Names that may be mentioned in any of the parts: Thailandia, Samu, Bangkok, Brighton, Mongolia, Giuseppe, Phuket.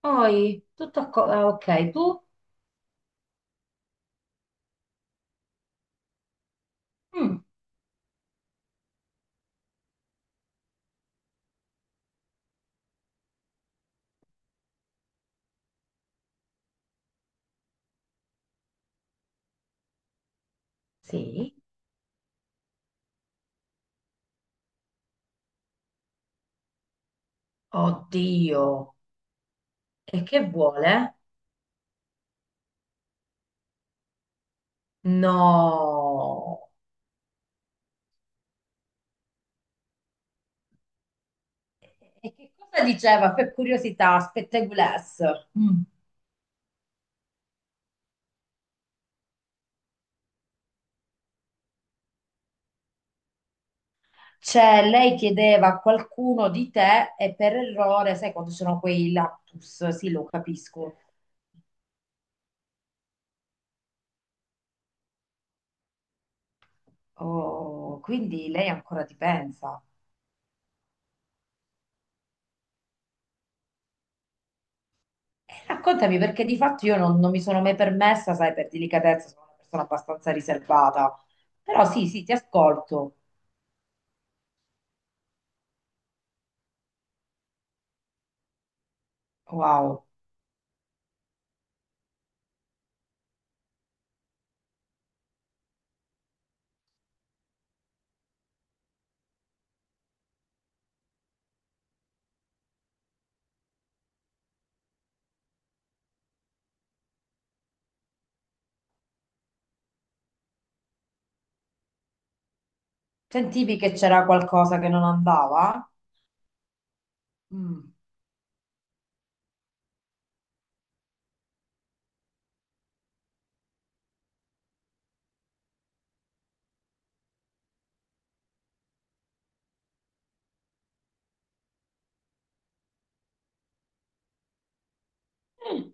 Poi, tutto a co- ah, ok, tu? Mm, sì. Oddio. E che vuole? No. E che cosa diceva? Per curiosità, spetteguless. Mm. Cioè, lei chiedeva a qualcuno di te e per errore, sai quando sono quei lapsus? Sì, lo capisco. Oh, quindi lei ancora ti pensa. E raccontami perché di fatto io non mi sono mai permessa, sai, per delicatezza, sono una persona abbastanza riservata. Però sì, sì, ti ascolto. Wow. Sentivi che c'era qualcosa che non andava? Mm. Mm.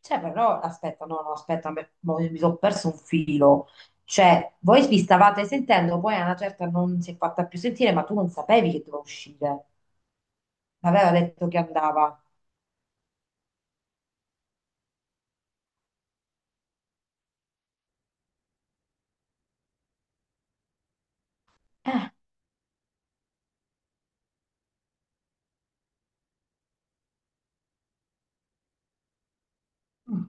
Cioè, però, aspetta, no, no, aspetta, me- mo- mi sono perso un filo. Cioè, voi vi stavate sentendo, poi a una certa non si è fatta più sentire, ma tu non sapevi che doveva uscire. Aveva detto che andava. Eh, mm,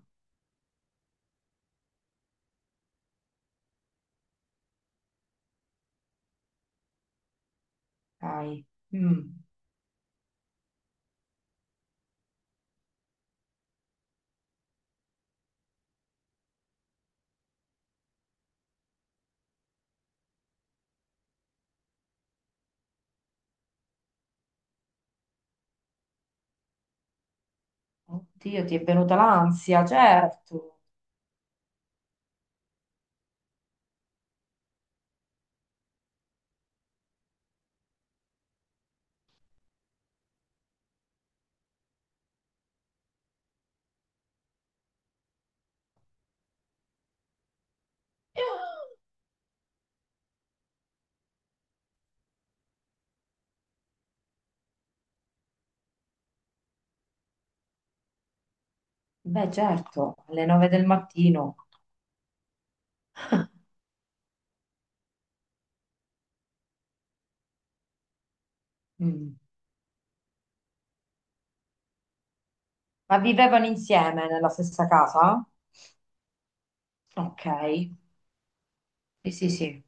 dai. Mm. Oddio, ti è venuta l'ansia, certo. Beh, certo, alle nove del mattino. Mm. Ma vivevano insieme nella stessa casa? Ok. Sì, sì, sì.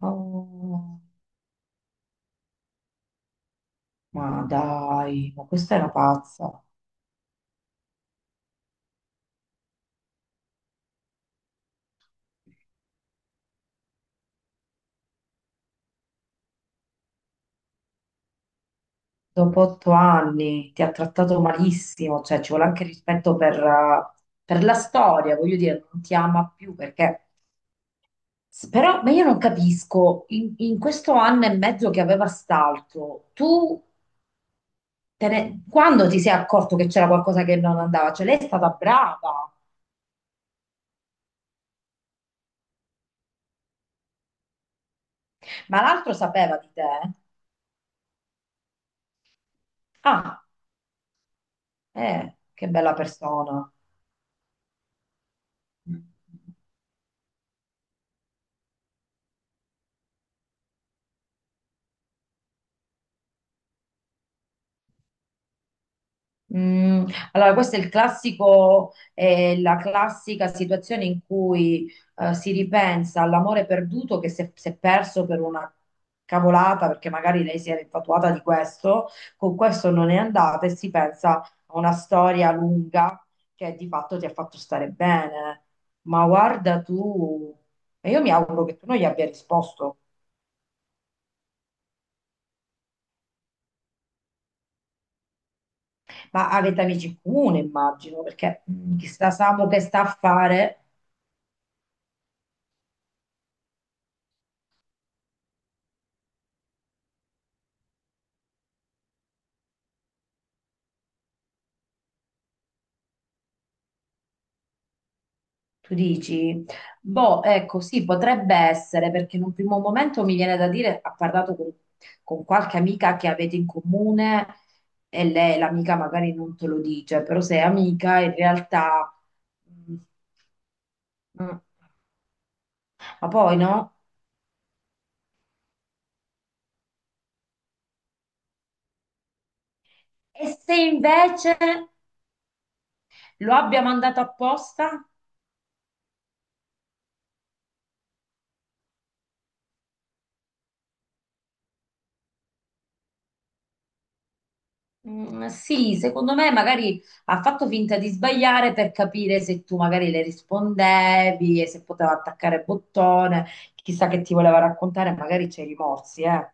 Oh, ma dai, ma questa è una pazza. Dopo otto anni ti ha trattato malissimo, cioè ci vuole anche rispetto per la storia, voglio dire, non ti ama più perché... S- Però, ma io non capisco, in questo anno e mezzo che aveva st'altro, tu te ne- quando ti sei accorto che c'era qualcosa che non andava? Cioè lei è stata brava, ma l'altro sapeva di te? Ah, che bella persona. Mm, allora, questo è il classico, la classica situazione in cui si ripensa all'amore perduto che si è perso per una cavolata, perché magari lei si era infatuata di questo, con questo non è andata e si pensa a una storia lunga che di fatto ti ha fatto stare bene. Ma guarda tu, e io mi auguro che tu non gli abbia risposto, ma avete amici in comune, immagino, perché chissà Samu che sta a fare. Tu dici? Boh, ecco, sì, potrebbe essere, perché in un primo momento mi viene da dire, ha parlato con qualche amica che avete in comune e lei, l'amica magari non te lo dice, però sei amica in realtà... Mm, mm. Ma poi no? E se invece lo abbia mandato apposta? Mm, sì, secondo me magari ha fatto finta di sbagliare per capire se tu magari le rispondevi e se poteva attaccare bottone, chissà che ti voleva raccontare, magari c'è i rimorsi, eh.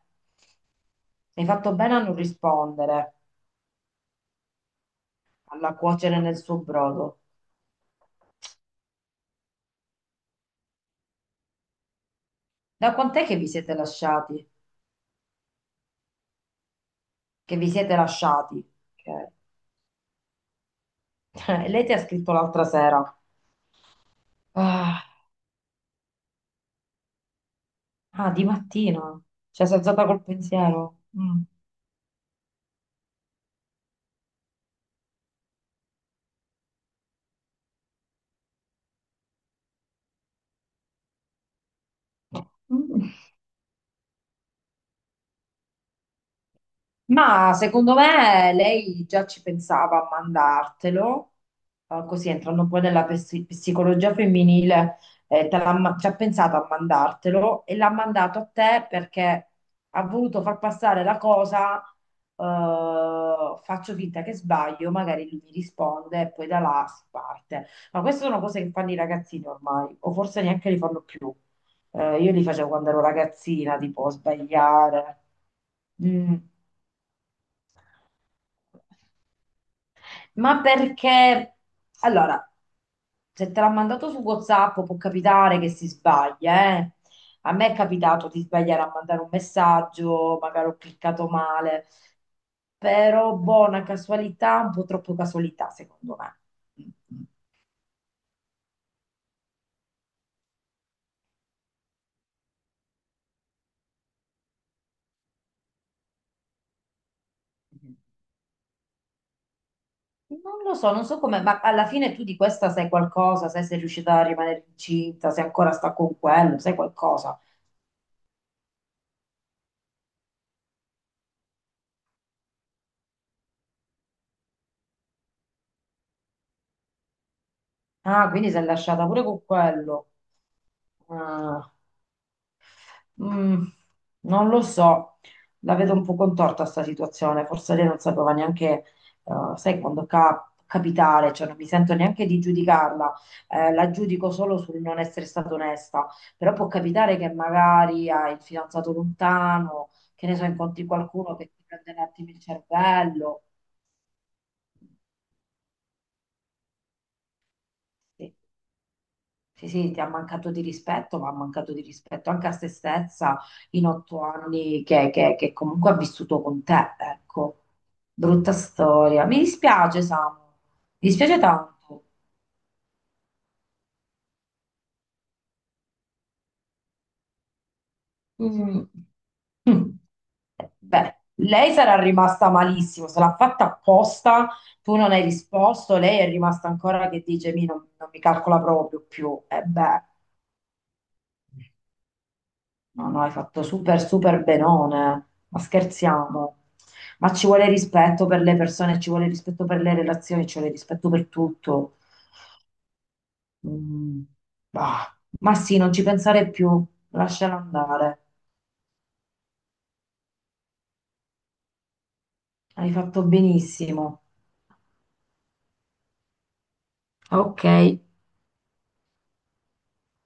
Hai fatto bene a non rispondere, alla cuocere nel suo brodo. Da quant'è che vi siete lasciati? Che vi siete lasciati? Ok. Lei ti ha scritto l'altra sera. Ah, ah, di mattina. Cioè, sei alzata col pensiero. Mm. Mm. Ma secondo me lei già ci pensava a mandartelo, così entrando poi nella psi- psicologia femminile, te l'ha ma- ci ha pensato a mandartelo e l'ha mandato a te perché ha voluto far passare la cosa, faccio finta che sbaglio, magari lui mi risponde e poi da là si parte. Ma queste sono cose che fanno i ragazzini ormai, o forse neanche li fanno più. Io li facevo quando ero ragazzina, tipo sbagliare. Mm. Ma perché, allora, se te l'ha mandato su WhatsApp può capitare che si sbaglia, eh. A me è capitato di sbagliare a mandare un messaggio, magari ho cliccato male, però buona casualità, un po' troppo casualità, secondo me. Mm. Mhm. Non lo so, non so come, ma alla fine tu di questa sai qualcosa, sai se è riuscita a rimanere incinta, se ancora sta con quello, sai qualcosa. Ah, quindi si è lasciata pure con quello. Ah. Mm, non lo so, la vedo un po' contorta sta situazione, forse lei non sapeva neanche, sai, quando cap- capitare, cioè non mi sento neanche di giudicarla, la giudico solo sul non essere stata onesta, però può capitare che magari hai il fidanzato lontano, che ne so, incontri qualcuno che ti prende un attimo il cervello. Sì. Sì, sì, ti ha mancato di rispetto, ma ha mancato di rispetto anche a se stessa in otto anni che comunque ha vissuto con te, ecco. Brutta storia. Mi dispiace, Samu. Mi dispiace tanto. Mm. Mm. Beh, lei sarà rimasta malissimo, se l'ha fatta apposta, tu non hai risposto, lei è rimasta ancora che dice, mi non, non mi calcola proprio più. E beh. No, no, hai fatto super, super benone, eh. Ma scherziamo. Ma ci vuole rispetto per le persone, ci vuole rispetto per le relazioni, ci vuole rispetto per tutto. Mm, bah. Ma sì, non ci pensare più, lasciala andare. Hai fatto benissimo. Ok.